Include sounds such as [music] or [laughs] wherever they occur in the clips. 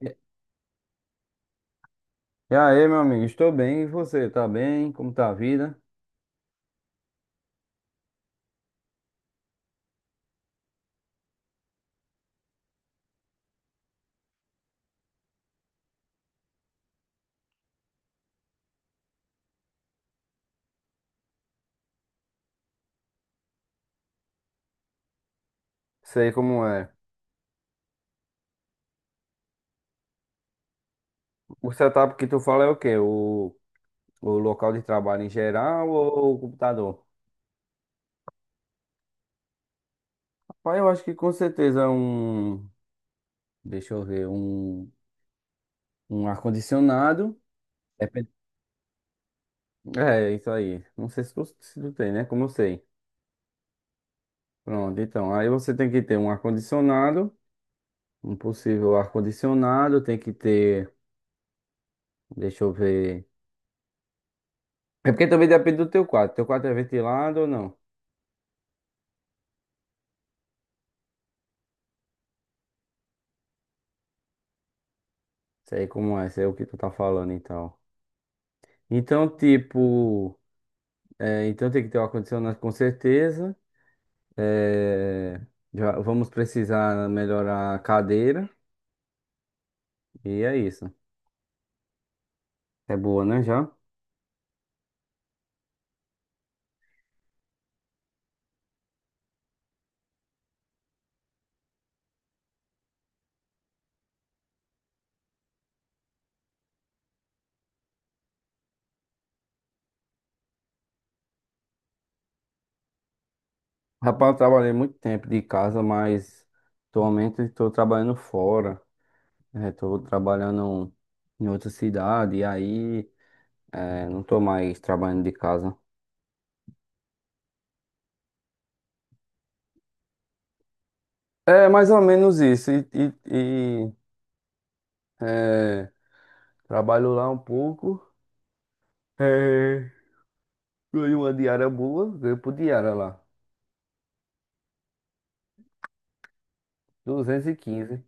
E aí, meu amigo, estou bem. E você, tá bem? Como tá a vida? Sei como é. O setup que tu fala é o quê? O local de trabalho em geral ou o computador? Rapaz, eu acho que com certeza um. Deixa eu ver, um ar-condicionado. Depen- É, isso aí. Não sei se tu tem, né? Como eu sei. Pronto, então. Aí você tem que ter um ar-condicionado, um possível ar-condicionado, tem que ter. Deixa eu ver. É porque também depende do teu quarto. Teu quarto é ventilado ou não? Sei como é, sei o que tu tá falando, então. Então, tipo, então tem que ter o ar-condicionado com certeza. É, já vamos precisar melhorar a cadeira. E é isso. É boa, né, já? Rapaz, eu trabalhei muito tempo de casa, mas atualmente estou trabalhando fora. Estou trabalhando em outra cidade, e aí não estou mais trabalhando de casa. É mais ou menos isso. E, é, trabalho lá um pouco. É, ganhei uma diária boa, ganhei por diária lá. 215.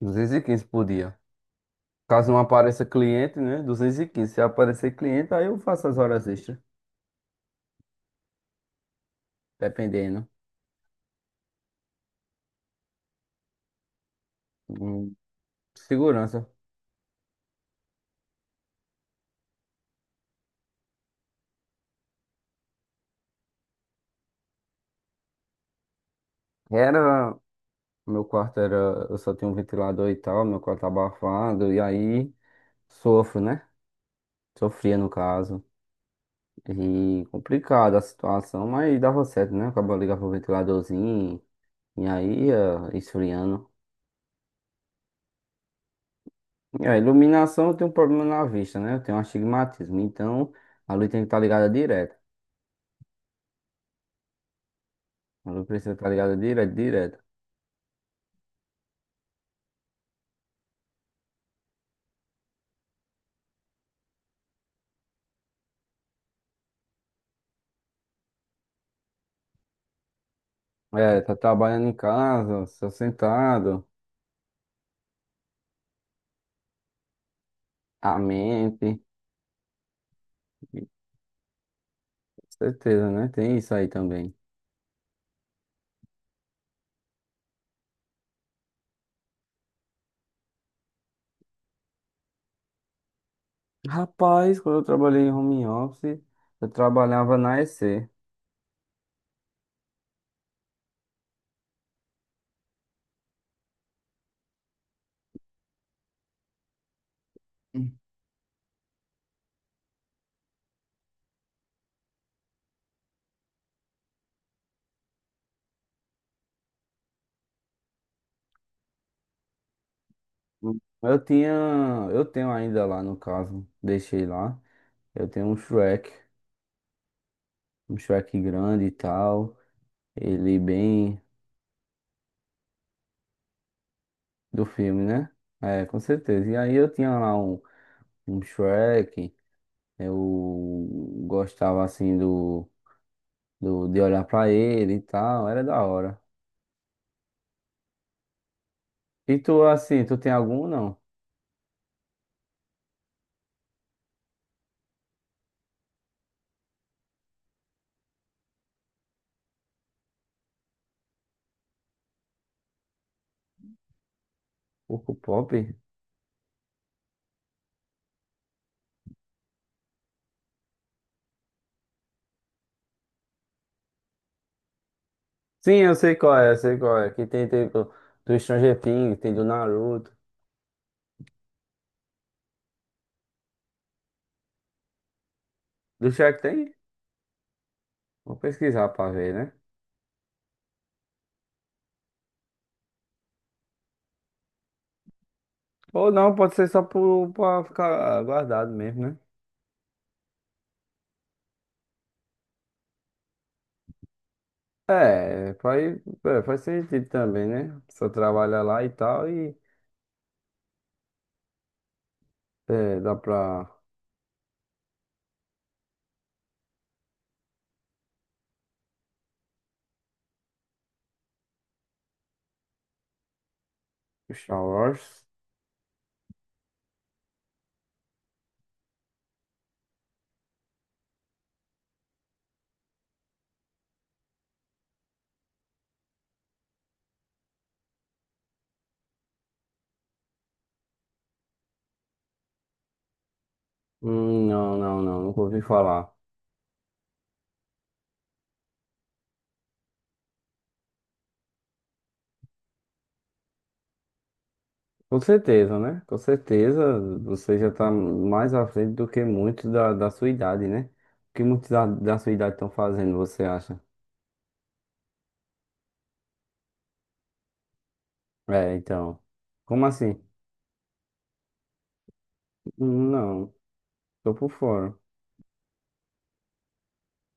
215 por dia. Caso não apareça cliente, né? 215. Se aparecer cliente, aí eu faço as horas extras, dependendo. Hum, Segurança. Era. Meu quarto era. Eu só tinha um ventilador e tal, meu quarto tá abafado, e aí sofro, né? Sofria no caso. E complicada a situação, mas dava certo, né? Acabou ligava pro ventiladorzinho, e aí ia esfriando. É, iluminação eu tenho um problema na vista, né? Eu tenho um astigmatismo. Então, a luz tem que estar ligada direto. A luz precisa estar ligada direto, direto. É, tá trabalhando em casa, só sentado, a mente. Com certeza, né? Tem isso aí também. Rapaz, quando eu trabalhei em home office, eu trabalhava na EC. Eu tinha, eu tenho ainda lá no caso, deixei lá. Eu tenho um Shrek grande e tal. Ele bem. Do filme, né? É, com certeza. E aí eu tinha lá um, Shrek, eu gostava assim do de olhar pra ele e tal, era da hora. E tu assim, tu tem algum não? Urco Pop? Sim, eu sei qual é, eu sei qual é. Que tem, do Stranger Things, tem do Naruto. Do Shrek tem? Vou pesquisar pra ver, né? Ou não, pode ser só pro, pra ficar guardado mesmo, né? É, faz, é, faz sentido também, né? Só trabalha lá e tal e. É, dá pra. Star Wars? Não, não, não, nunca ouvi falar. Com certeza, né? Com certeza você já tá mais à frente do que muitos da, da, sua idade, né? O que muitos da sua idade estão fazendo, você acha? É, então. Como assim? Não, tô por fora.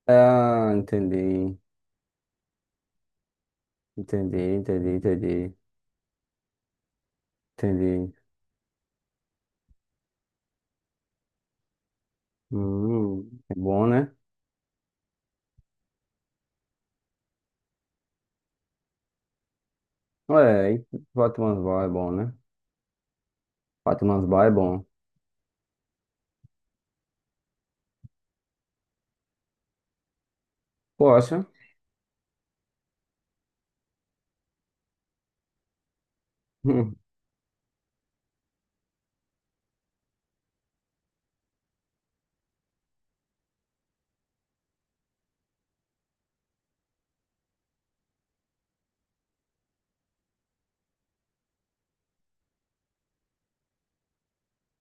Ah, entendi. Entendi, entendi, entendi. Entendi. É bom, né? É, e Fátima's Bar é bom, né? Fátima's Bar é bom. Poxa. [laughs]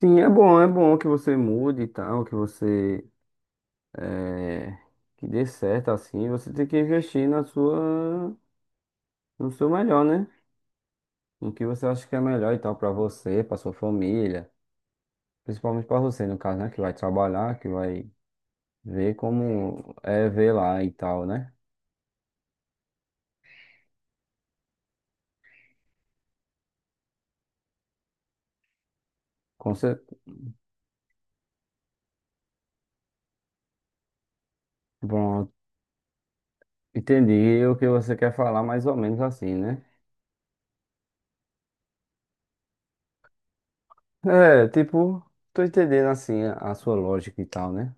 Sim, é bom que você mude e tal, que você eh, que dê certo assim, você tem que investir na sua, no seu melhor, né? No que você acha que é melhor e tal pra você, pra sua família, principalmente pra você no caso, né? Que vai trabalhar, que vai ver como é ver lá e tal, né? Com cer- Bom, entendi o que você quer falar mais ou menos assim, né? É, tipo, tô entendendo assim a sua lógica e tal, né?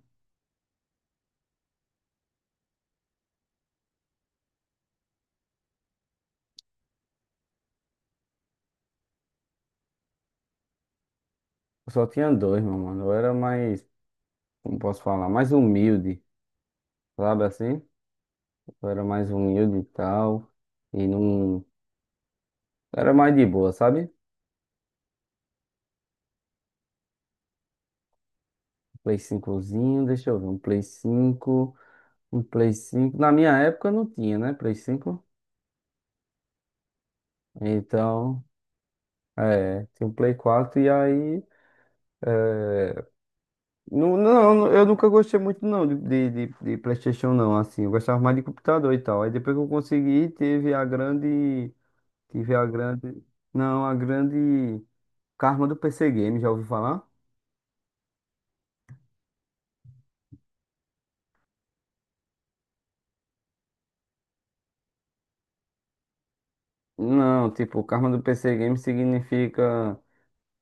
Eu só tinha dois, meu mano. Eu era mais como posso falar, mais humilde, sabe assim? Eu era mais humilde e tal. E não. Era mais de boa, sabe? Play cincozinho, zinho deixa eu ver, um Play cinco. Um Play 5. Na minha época não tinha, né? Play 5. Então, tinha um Play 4 e aí. Não, não, eu nunca gostei muito não de PlayStation não, assim, eu gostava mais de computador e tal. Aí depois que eu consegui, teve a grande, tive a grande, não, a grande karma do PC Game, já ouviu falar? Não, tipo, karma do PC Game significa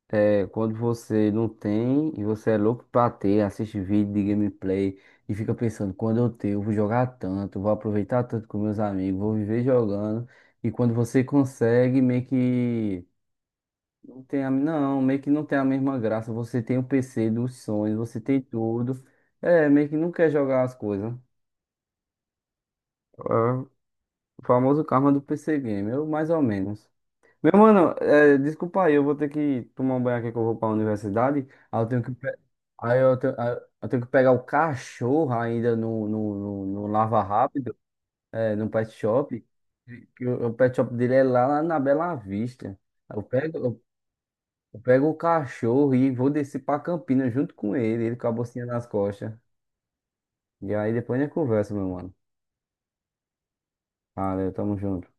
quando você não tem e você é louco pra ter, assiste vídeo de gameplay e fica pensando, quando eu ter, eu vou jogar tanto, vou aproveitar tanto com meus amigos, vou viver jogando. E quando você consegue, meio que não tem a, não, meio que não tem a mesma graça. Você tem o PC dos sonhos, você tem tudo. É, meio que não quer jogar as coisas. É, o famoso karma do PC Game, eu mais ou menos. Meu mano, desculpa aí, eu vou ter que tomar um banho aqui que eu vou pra universidade. Aí eu tenho que pegar o cachorro ainda no Lava Rápido, é, no pet shop. Que O pet shop dele é lá na Bela Vista. Eu pego, eu, eu pego o cachorro e vou descer pra Campinas junto com ele, ele com a bolsinha nas costas. E aí depois a gente conversa, meu mano. Valeu, tamo junto.